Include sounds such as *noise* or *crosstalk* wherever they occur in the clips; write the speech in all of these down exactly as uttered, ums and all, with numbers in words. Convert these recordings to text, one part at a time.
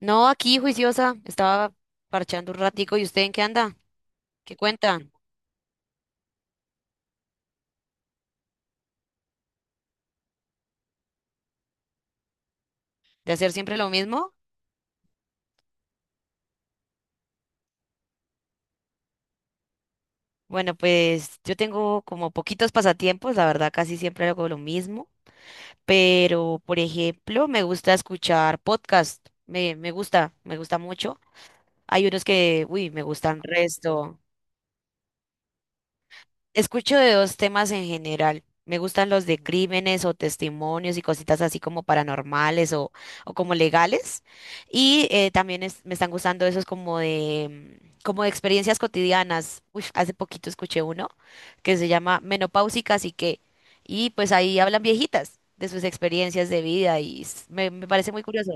No, aquí juiciosa, estaba parchando un ratico. ¿Y usted en qué anda? ¿Qué cuenta? ¿De hacer siempre lo mismo? Bueno, pues yo tengo como poquitos pasatiempos, la verdad casi siempre hago lo mismo, pero por ejemplo me gusta escuchar podcast, me, me gusta, me gusta mucho. Hay unos que, uy, me gustan resto. Escucho de dos temas en general. Me gustan los de crímenes o testimonios y cositas así como paranormales o, o como legales. Y eh, también es- me están gustando esos como de, mm, como de experiencias cotidianas. Uy, hace poquito escuché uno que se llama Menopáusicas y que, y pues ahí hablan viejitas de sus experiencias de vida y s- me, me parece muy curioso.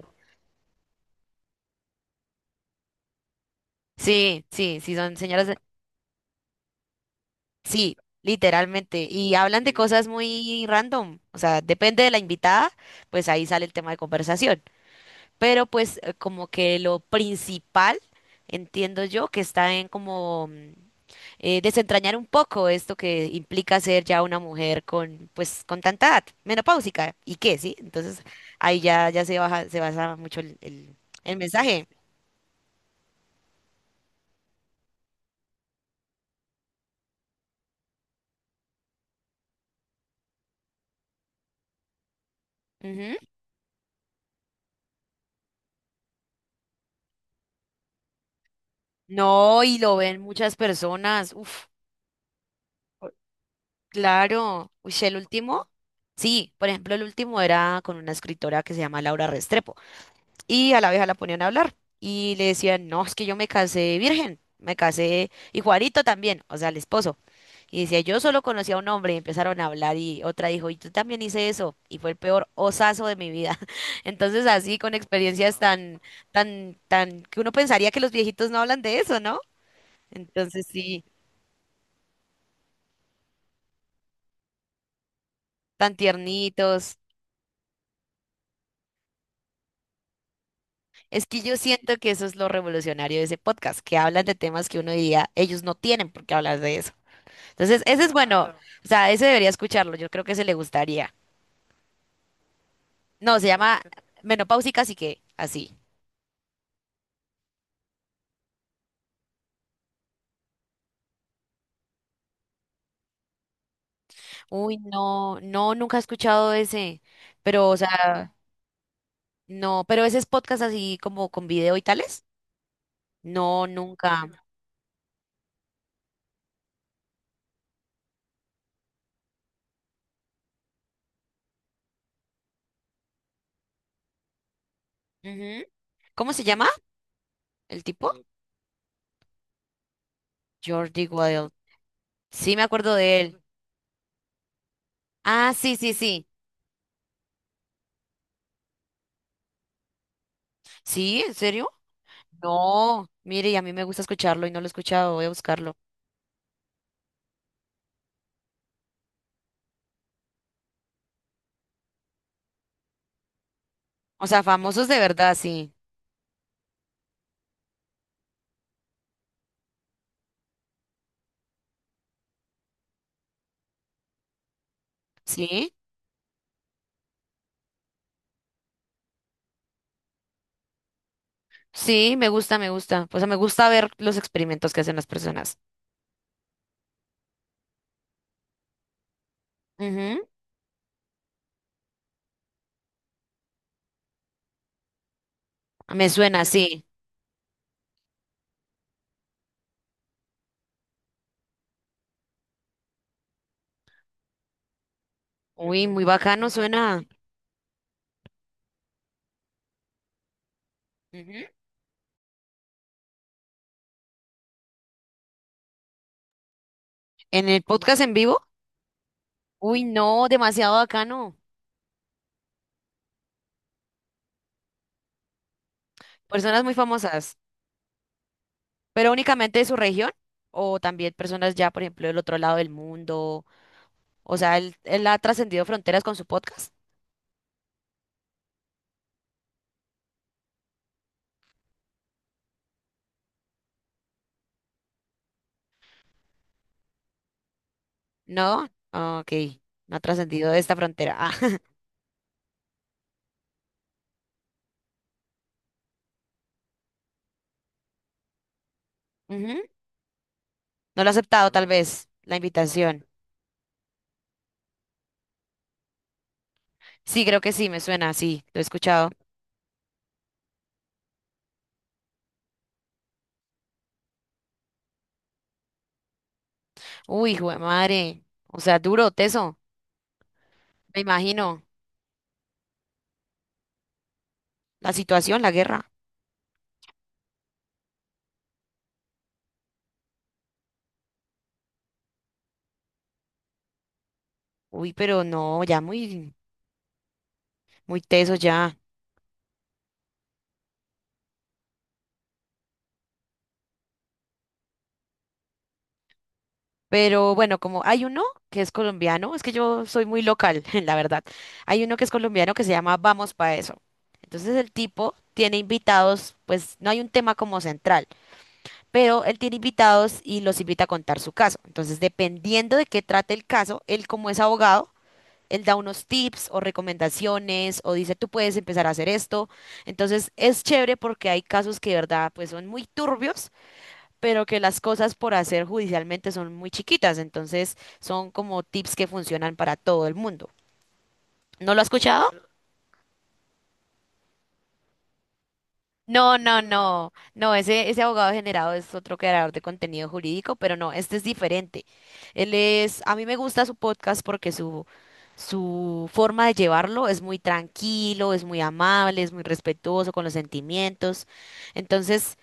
Sí, sí, sí, son señoras. Sí, literalmente. Y hablan de cosas muy random. O sea, depende de la invitada, pues ahí sale el tema de conversación. Pero pues eh, como que lo principal, entiendo yo, que está en como mm, eh, desentrañar un poco esto que implica ser ya una mujer con, pues, con tanta edad, menopáusica. ¿Y qué? Sí. Entonces ahí ya, ya se baja, se basa mucho el, el- el mensaje. Ujú. No, y lo ven muchas personas. Uf. Claro, uy, sí, el último, sí, por ejemplo, el último era con una escritora que se llama Laura Restrepo y a la vieja la ponían a hablar y le decían, no, es que yo me casé virgen, me casé y Juanito también, o sea, el esposo. Y decía, yo solo conocí a un hombre y empezaron a hablar y otra dijo, y tú también hice eso y fue el peor osazo de mi vida. *laughs* Entonces, así con experiencias. Wow. Tan, tan, tan, que uno pensaría que los viejitos no hablan de eso, ¿no? Entonces, sí, tan tiernitos. Es que yo siento que eso es lo revolucionario de ese podcast, que hablan de temas que uno diría, ellos no tienen por qué hablar de eso. Entonces, ese es bueno. Claro, o sea, ese debería escucharlo, yo creo que se le gustaría. No, se llama Menopáusicas y que, así. Uy, no, no, nunca he escuchado ese, pero, o sea, no, pero ese es podcast así como con video y tales. No, nunca. Ujú. ¿Cómo se llama el tipo? Jordi Wild. Sí, me acuerdo de él. Ah, sí, sí, sí. Sí, ¿en serio? No, mire, y a mí me gusta escucharlo y no lo he escuchado, voy a buscarlo. O sea, famosos de verdad, sí. Sí, sí, me gusta, me gusta. O sea, me gusta ver los experimentos que hacen las personas. Ujú. Me suena, sí. Uy, muy bacano suena. Ujú. ¿En el podcast en vivo? Uy, no, demasiado bacano. Personas muy famosas, pero únicamente de su región o también personas ya, por ejemplo, del otro lado del mundo. O sea, él, él ha trascendido fronteras con su podcast. ¿No? Ah, ok, no ha trascendido esta frontera. *laughs* Ujú. No lo ha aceptado, tal vez, la invitación. Sí, creo que sí, me suena, sí, lo he escuchado. Uy, hijo de madre. O sea, duro, teso, me imagino. La situación, la guerra. Uy, pero no, ya muy, muy teso ya. Pero bueno, como hay uno que es colombiano, es que yo soy muy local, *laughs* la verdad. Hay uno que es colombiano que se llama Vamos Pa' Eso. Entonces el tipo tiene invitados, pues no hay un tema como central. Pero él tiene invitados y los invita a contar su caso. Entonces, dependiendo de qué trate el caso, él como es abogado, él da unos tips o recomendaciones o dice, tú puedes empezar a hacer esto. Entonces, es chévere porque hay casos que de verdad pues son muy turbios, pero que las cosas por hacer judicialmente son muy chiquitas. Entonces, son como tips que funcionan para todo el mundo. ¿No lo has escuchado? No, no, no, no, ese, ese abogado generado es otro creador de contenido jurídico, pero no, este es diferente. Él es, a mí me gusta su podcast porque su, su forma de llevarlo es muy tranquilo, es muy amable, es muy respetuoso con los sentimientos. Entonces,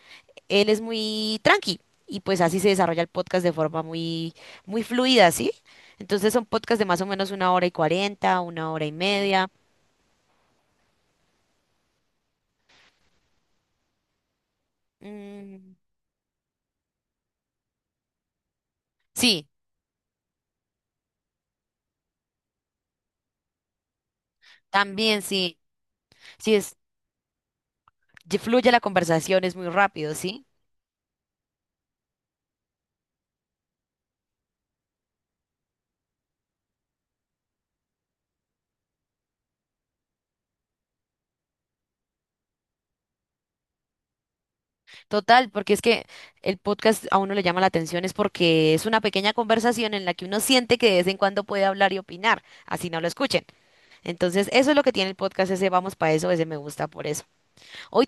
él es muy tranqui y pues así se desarrolla el podcast de forma muy, muy fluida, ¿sí? Entonces son podcasts de más o menos una hora y cuarenta, una hora y media. Mm, sí, también sí. Sí, ye- fluye la conversación, es muy rápido, ¿sí? Total, porque es que el podcast a uno le llama la atención, es porque es una pequeña conversación en la que uno siente que de vez en cuando puede hablar y opinar, así no lo escuchen. Entonces, eso es lo que tiene el podcast, ese vamos para eso, ese me gusta por eso. Hoy.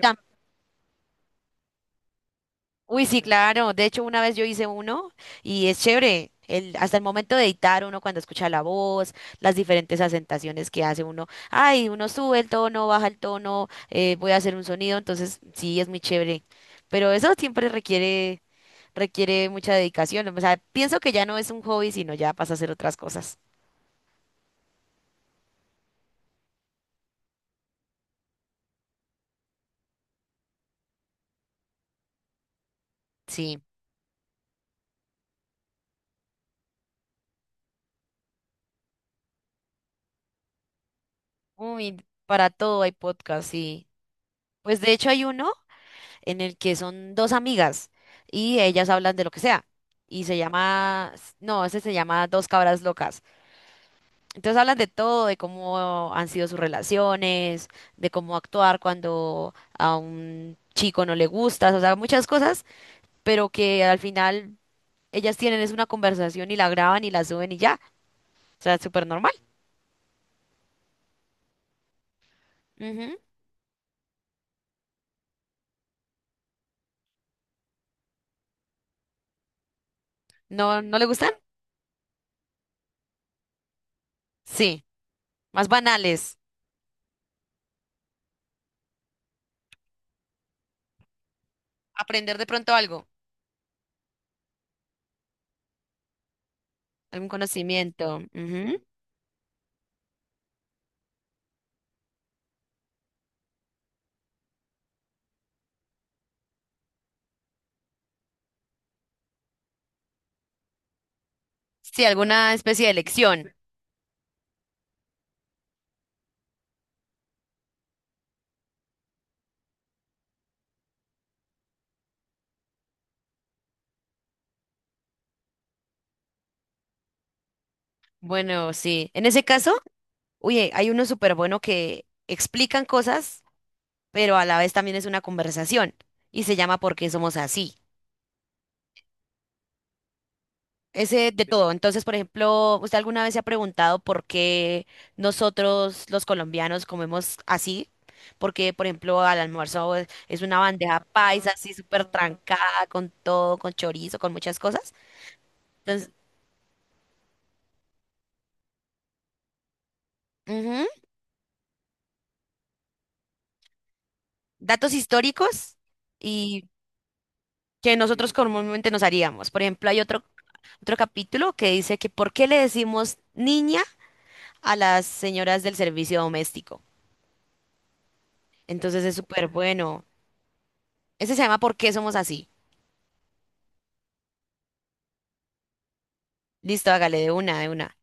Uy, sí, claro. De hecho, una vez yo hice uno y es chévere. El, hasta el momento de editar uno cuando escucha la voz, las diferentes acentuaciones que hace uno. Ay, uno sube el tono, baja el tono, eh, voy a hacer un sonido. Entonces, sí, es muy chévere. Pero eso siempre requiere, requiere mucha dedicación. O sea, pienso que ya no es un hobby, sino ya pasa a hacer otras cosas. Sí. Uy, para todo hay podcast, sí. Pues de hecho hay uno en el que son dos amigas y ellas hablan de lo que sea. Y se llama, no, ese se llama Dos Cabras Locas. Entonces hablan de todo, de cómo han sido sus relaciones, de cómo actuar cuando a un chico no le gustas, o sea, muchas cosas, pero que al final ellas tienen es una conversación y la graban y la suben y ya. O sea, es súper normal. Ujú. ¿No, no le gustan? Sí, más banales. Aprender de pronto algo, algún conocimiento. Ujú. Sí, alguna especie de lección. Bueno, sí. En ese caso, oye, hay uno súper bueno que explican cosas, pero a la vez también es una conversación y se llama ¿Por qué somos así? Ese de todo. Entonces, por ejemplo, ¿usted alguna vez se ha preguntado por qué nosotros los colombianos comemos así? Porque, por ejemplo, al almuerzo es es una bandeja paisa así súper trancada con todo, con chorizo, con muchas cosas. Entonces, ujú, datos históricos y que nosotros comúnmente nos haríamos. Por ejemplo, hay otro otro capítulo que dice que ¿por qué le decimos niña a las señoras del servicio doméstico? Entonces es súper bueno. Ese se llama ¿Por qué somos así? Listo, hágale de una, de una.